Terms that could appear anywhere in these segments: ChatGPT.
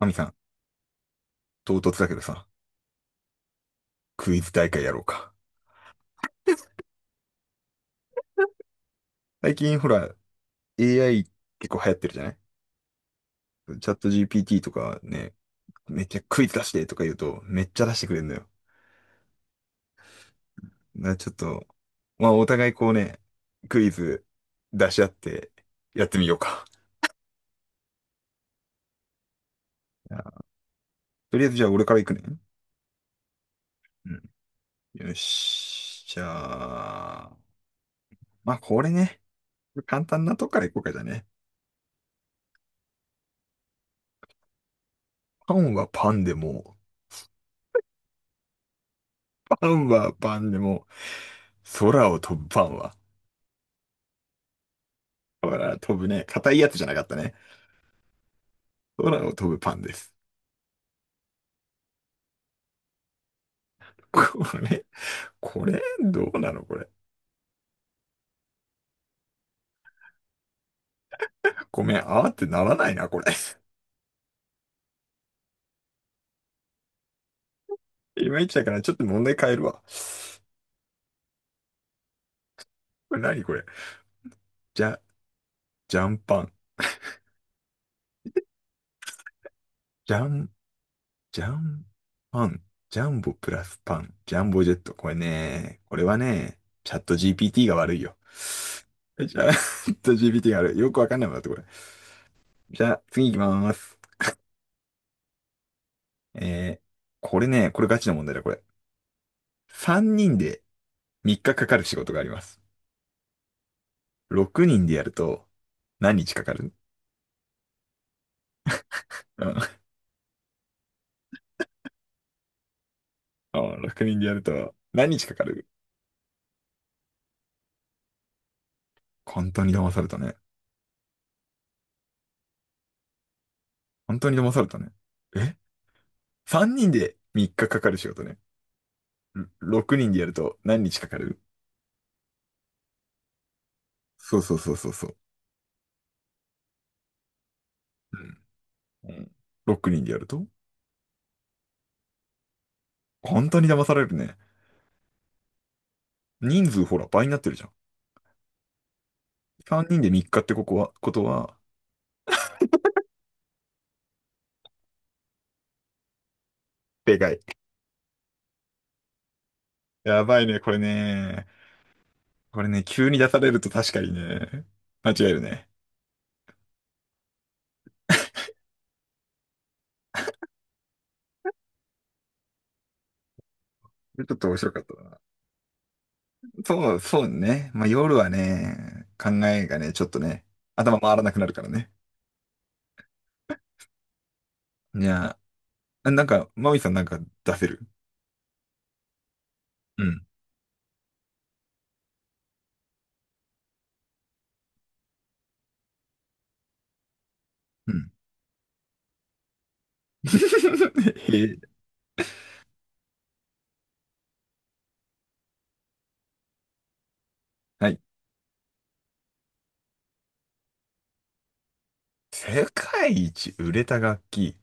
アミさん、唐突だけどさ、クイズ大会やろうか。最近ほら、AI 結構流行ってるじゃない？チャット GPT とかね、めっちゃクイズ出してとか言うと、めっちゃ出してくれるのよ。だからちょっと、まあお互いこうね、クイズ出し合ってやってみようか。じゃあとりあえずじゃあ俺から行くね。うん。よし。じゃあ、まあこれね、簡単なとこから行こうかじゃあね。パンはパンでも、パンはパンでも、空を飛ぶパンは？だから飛ぶね、硬いやつじゃなかったね。空を飛ぶパンです。これ、これ、どうなのこれ。ごめん、あーってならないな、これ。いまいちだから、ちょっと問題変えるわ。これ何これ。じゃ、ジャンパン。ジャン、ジャンパン。ジャンボプラスパン。ジャンボジェット。これはね、チャット GPT が悪いよ。チャット GPT が悪い。よくわかんないもんだって、これ。じゃあ、次行きまーす。えー、これガチな問題だ、これ。3人で3日かかる仕事があります。6人でやると、何日かかる？うん。あ、6人でやると、何日かかる？本当に騙されたね。本当に騙されたね。え ?3 人で3日かかる仕事ね。6人でやると何日かかる？そうそうそうそうそう。うん。6人でやると？本当に騙されるね。人数ほら倍になってるじゃん。3人で3日ってことは、でかい。やばいね、これね。これね、急に出されると確かにね、間違えるね。ちょっと面白かったな。そう、そうね。まあ、夜はね、考えがね、ちょっとね、頭回らなくなるからね。いや、なんか、マミさんなんか出せる？うん。うん。へえ。はい。世界一売れた楽器。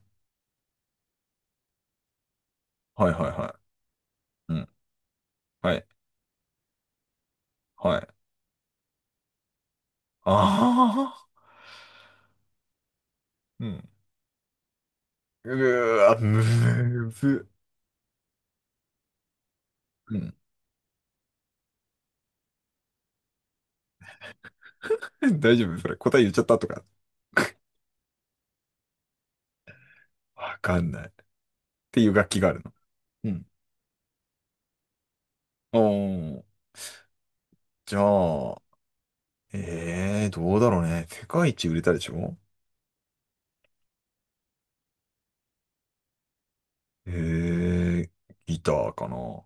はいはいはい。うん。はい。はい。ああ。うん。うーわ、むず。うん。大丈夫それ？答え言っちゃったとか。わかんない。っていう楽器があるの。うん。おー。じゃあ、ええどうだろうね。世界一売れたでしょ？ええギターかな。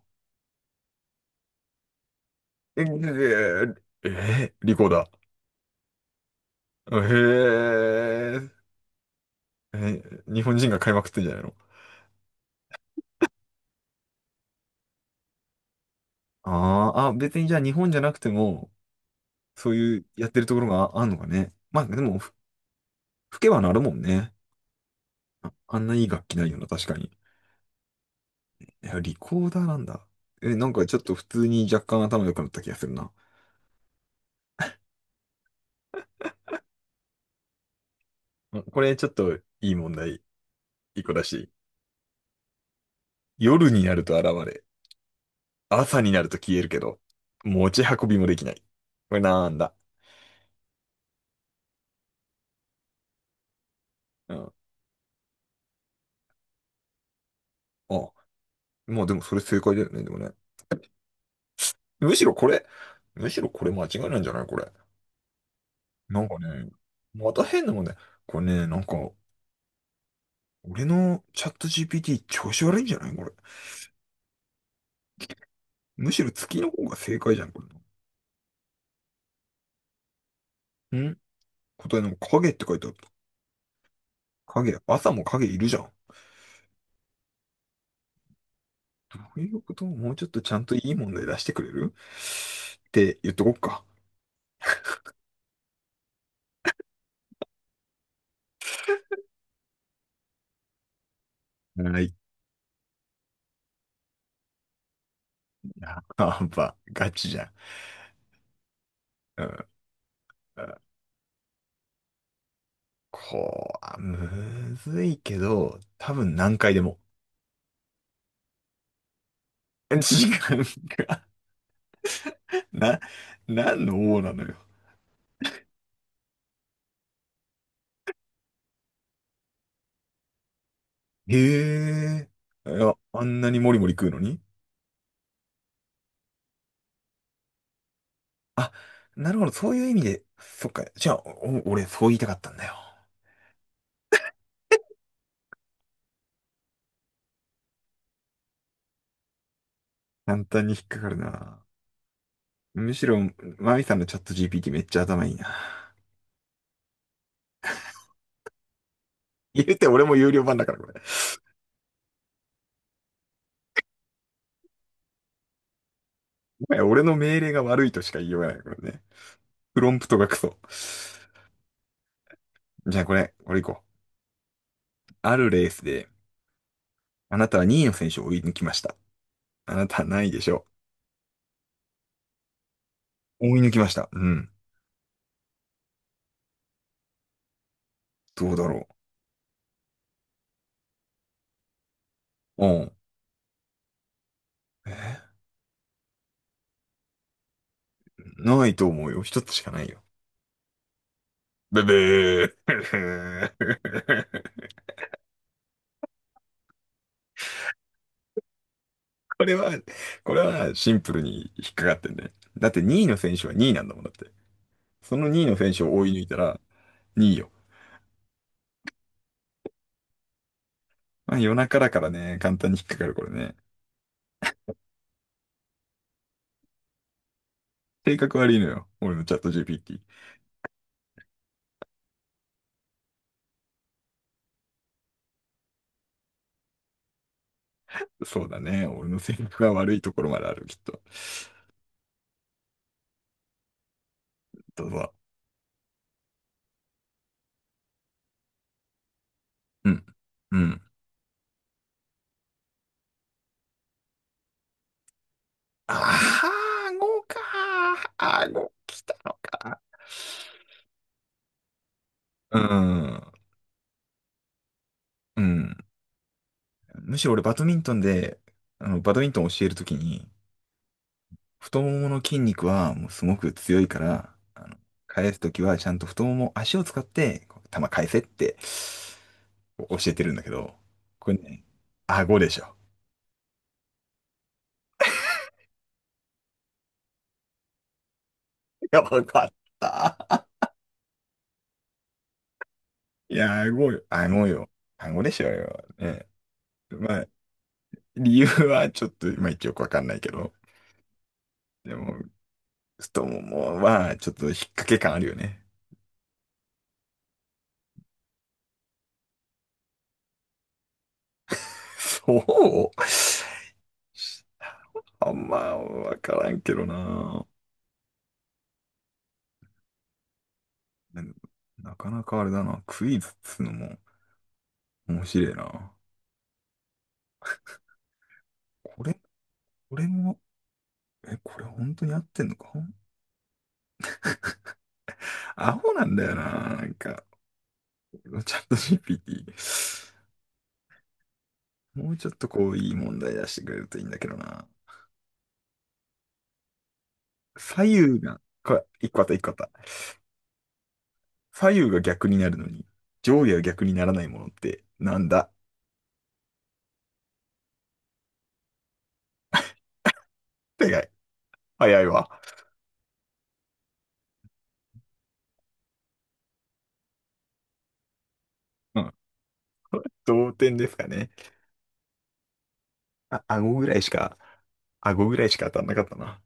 ええええリコーダー。えええ日本人が買いまくってんじゃないの？ああー、あ、別にじゃあ日本じゃなくても、そういうやってるところがあんのかね。まあでも、吹けばなるもんね。あ、あんないい楽器ないよな、確かに。いや、リコーダーなんだ。え、なんかちょっと普通に若干頭良くなった気がするな。あ、これちょっといい問題、一個だし。夜になると現れ。朝になると消えるけど、持ち運びもできない。これなんだ？うん。あ、まあでもそれ正解だよね、でもね。むしろこれ、むしろこれ間違いないんじゃないこれ。なんかね、また変なもんね。これね、なんか、俺のチャット GPT 調子悪いんじゃないこれ？むしろ月の方が正解じゃん、これ。ん答えの影って書いてある。影、朝も影いるじゃん。どういうこと？もうちょっとちゃんといい問題出してくれるって言っとこっか。はい。やっぱ、ガチじゃん。うん。こう、むずいけど、多分何回でも。時間が、な、何の王なのよ。へえ。いや、あんなにモリモリ食うのに？あ、なるほど、そういう意味で、そっか。じゃあ、俺、そう言いたかったんだよ。簡単に引っかかるな。むしろ、マミさんのチャット GPT めっちゃ頭いいな。言うて俺も有料版だから、これ。もはや俺の命令が悪いとしか言いようがない、これね。プロンプトがクソ。じゃあ、これ行こう。あるレースで、あなたは2位の選手を追い抜きました。あなたは？ないでしょう。追い抜きました。うん。どうだろう。うん。え？ないと思うよ。一つしかないよ。ブブー。これは、これはシンプルに引っかかってんね。だって2位の選手は2位なんだもんだって。その2位の選手を追い抜いたら2位よ。まあ夜中だからね、簡単に引っかかるこれね。性格悪いのよ。俺のチャット GPT。そうだね。俺の性格が悪いところまである、きっと。どうぞ。うん。うん。ああ、顎か。顎来たのか。うん。うん。むしろ俺バドミントンで、バドミントン教えるときに、太ももの筋肉はもうすごく強いから、返すときはちゃんと太もも、足を使って、こう球返せってこう教えてるんだけど、これね、顎でしょ。やばかった。いや、顎よ。顎よ。顎でしょうよ。ね。まあ、理由はちょっと、まあ一応よくわかんないけど、でも、ちょっともうまあ、ちょっと引っ掛け感あるよね。そう。あんまわからんけどな。なんなかなかあれだな。クイズっつうのも面白いな。これ、これも、え、これ本当に合ってんのか？アホなんだよな。なんか、チャット GPT。もうちょっとこう、いい問題出してくれるといいんだけどな。左右が、これ、一個あった、一個あった。左右が逆になるのに、上下が逆にならないものってなんだ？って早いわ。うん。同点ですかね。あ、顎ぐらいしか当たんなかったな。